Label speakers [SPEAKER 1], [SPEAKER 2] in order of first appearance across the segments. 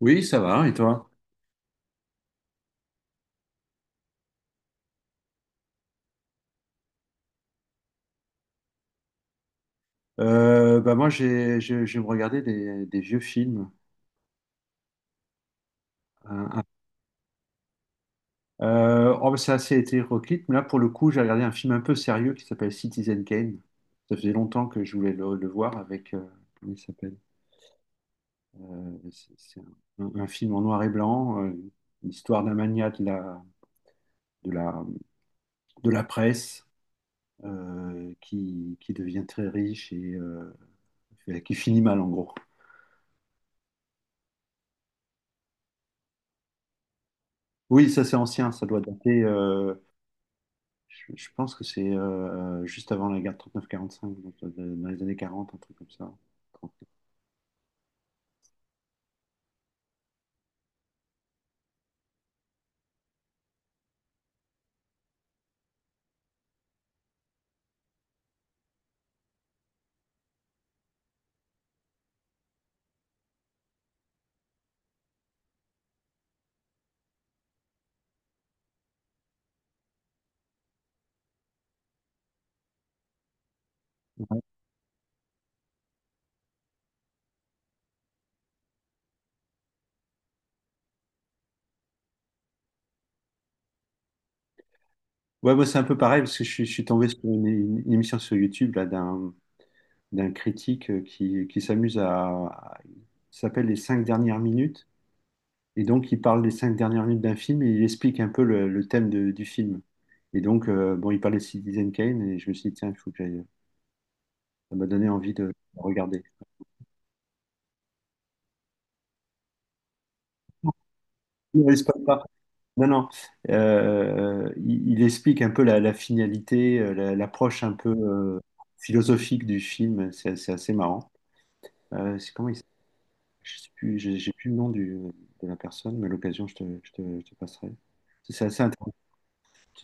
[SPEAKER 1] Oui, ça va, et toi? Bah moi, je me regardais des vieux films. Un- un- c'est assez hétéroclite, mais là, pour le coup, j'ai regardé un film un peu sérieux qui s'appelle Citizen Kane. Ça faisait longtemps que je voulais le voir avec... comment il s'appelle? C'est un film en noir et blanc, l'histoire d'un magnat de la, de la presse qui devient très riche et qui finit mal, en gros. Oui, ça c'est ancien, ça doit dater. Je pense que c'est juste avant la guerre de 39-45, donc dans les années 40, un truc comme ça. Trente. Ouais. Ouais, moi c'est un peu pareil parce que je suis tombé sur une émission sur YouTube là d'un critique qui s'amuse à... il s'appelle les cinq dernières minutes, et donc il parle des cinq dernières minutes d'un film et il explique un peu le thème du film. Et donc il parlait de Citizen Kane et je me suis dit tiens, il faut que j'aille. Ça m'a donné envie de regarder. Ne spoil pas. Non, non. Il explique un peu la finalité, l'approche un peu philosophique du film. C'est assez marrant. C'est comment il s'appelle? Je sais plus, j'ai plus le nom du, de la personne, mais à l'occasion, je te passerai. C'est assez intéressant.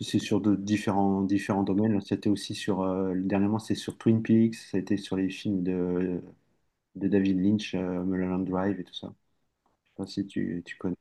[SPEAKER 1] C'est sur de différents domaines. C'était aussi sur, dernièrement, c'est sur Twin Peaks. C'était sur les films de David Lynch, Mulholland Drive et tout ça. Je sais pas si tu connais.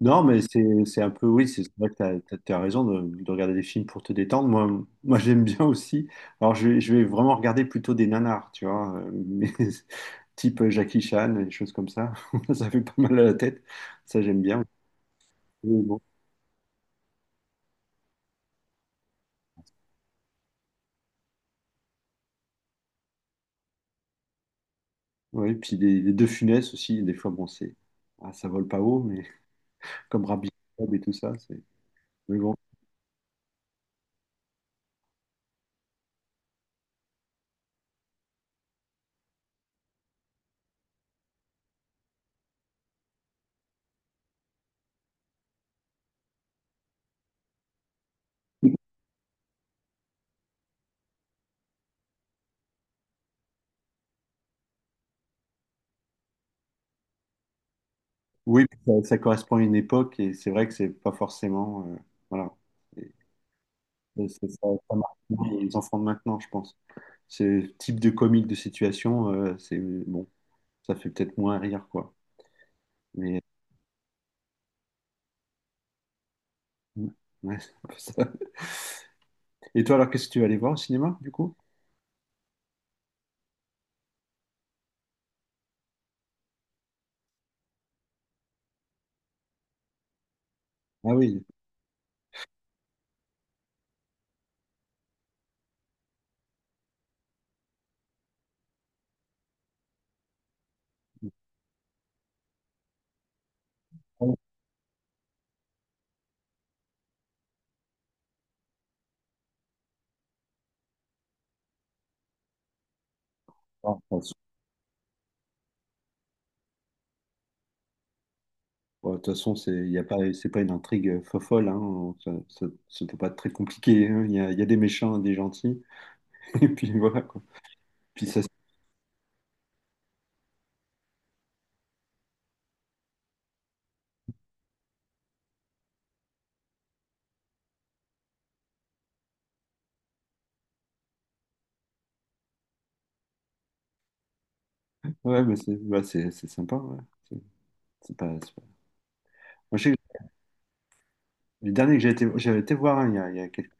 [SPEAKER 1] Non, mais c'est un peu, oui, c'est vrai que t'as raison de regarder des films pour te détendre. Moi, moi j'aime bien aussi. Alors, je vais vraiment regarder plutôt des nanars, tu vois, type Jackie Chan, des choses comme ça. Ça fait pas mal à la tête. Ça, j'aime bien. Oui, bon. Ouais, puis des De Funès aussi, des fois, bon, c'est, ah, ça vole pas haut, mais comme Rabbi Jacob et tout ça, c'est, mais bon. Oui, puis ça correspond à une époque et c'est vrai que c'est pas forcément, voilà. Et c'est ça, ça marque bien les enfants de maintenant, je pense. Ce type de comique de situation, c'est bon, ça fait peut-être moins rire, quoi. Mais ouais, c'est un peu ça. Et toi, alors, qu'est-ce que tu vas aller voir au cinéma, du coup? Ah oui. Ah oui. Ah, de toute façon, bon, de toute façon, c'est il y a pas, c'est pas une intrigue fofolle, hein. Ça peut pas être très compliqué, hein. Il y a des méchants et des gentils, et puis voilà, quoi. Puis ça, se- ouais, mais c'est bah, c'est sympa, ouais. C'est c'est pas- Moi, je sais que le dernier que j'ai été, j'avais été voir hein, il y a, il y a quelques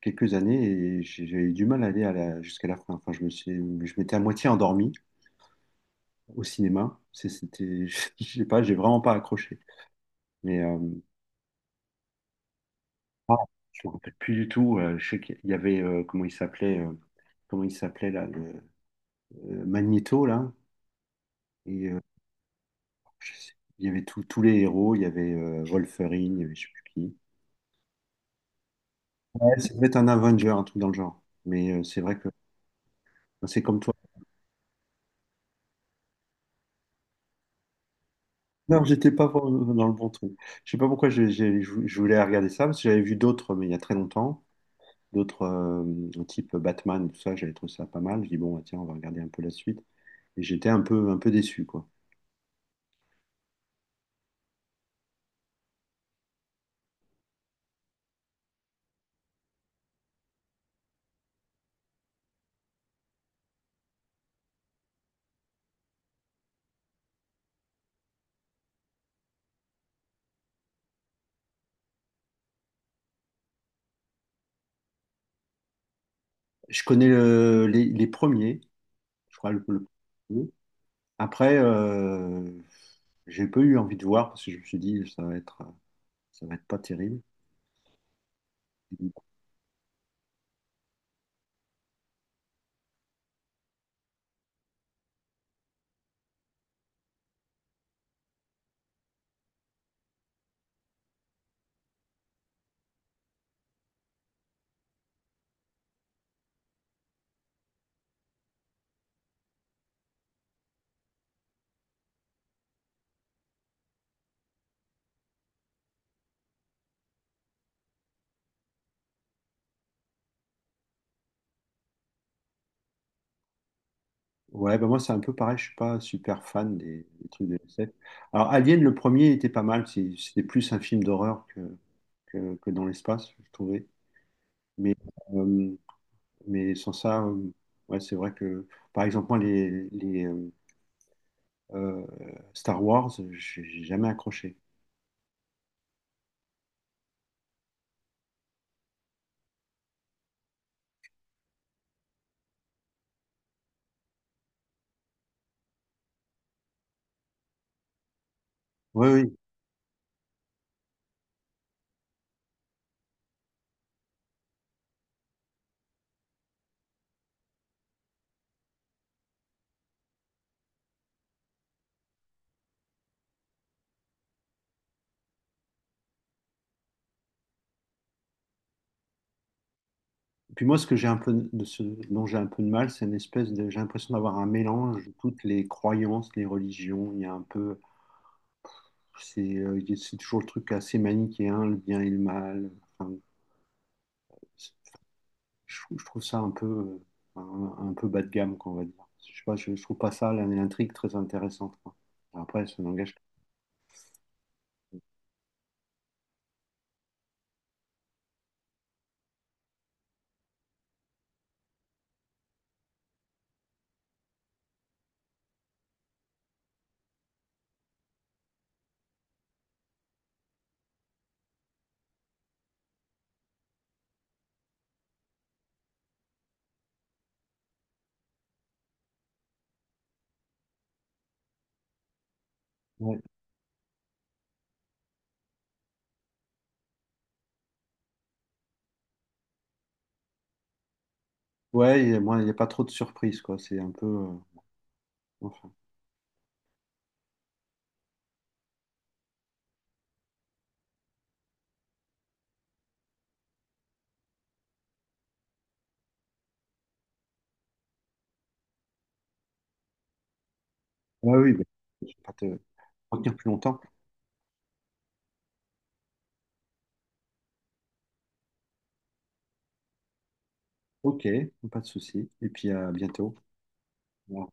[SPEAKER 1] quelques années et j'ai eu du mal à aller jusqu'à la fin. Enfin, je m'étais à moitié endormi au cinéma. C'était, je sais pas, j'ai vraiment pas accroché. Mais ah, je me rappelle plus du tout. Je sais qu'il y avait comment il s'appelait là, le, Magneto là. Et je sais- il y avait tous les héros. Il y avait Wolverine, il y avait je sais plus qui. Ouais, ça devait être un Avenger, un truc dans le genre. Mais c'est vrai que enfin, c'est comme toi. Non, j'étais pas dans le bon truc. Je sais pas pourquoi je voulais regarder ça, parce que j'avais vu d'autres, mais il y a très longtemps, d'autres type Batman, tout ça, j'avais trouvé ça pas mal. Je dis bon, bah, tiens, on va regarder un peu la suite. Et j'étais un peu déçu, quoi. Je connais les premiers, je crois le premier. Après, j'ai pas eu envie de voir parce que je me suis dit ça va être pas terrible. Ouais, bah moi c'est un peu pareil, je suis pas super fan des trucs de SF. Alors Alien, le premier était pas mal, c'était plus un film d'horreur que dans l'espace, je trouvais. Mais, euh, mais sans ça, ouais, c'est vrai que, par exemple, moi, les euh, Star Wars, j'ai jamais accroché. Oui, oui. Et puis moi, ce dont j'ai un peu de mal, c'est une espèce de, j'ai l'impression d'avoir un mélange de toutes les croyances, les religions. Il y a un peu. C'est toujours le truc assez manichéen, le bien et le mal. Enfin, je, je trouve ça un peu, un peu bas de gamme, quoi, on va dire. Je sais pas, je trouve pas ça l'intrigue très intéressante, quoi. Après, ça n'engage pas. Ouais, ouais, il y a, moi, il n'y a pas trop de surprises, quoi. C'est un peu. Enfin. Ah oui, bah, je vais pas te retenir plus longtemps. Ok, pas de souci. Et puis à bientôt. Au revoir.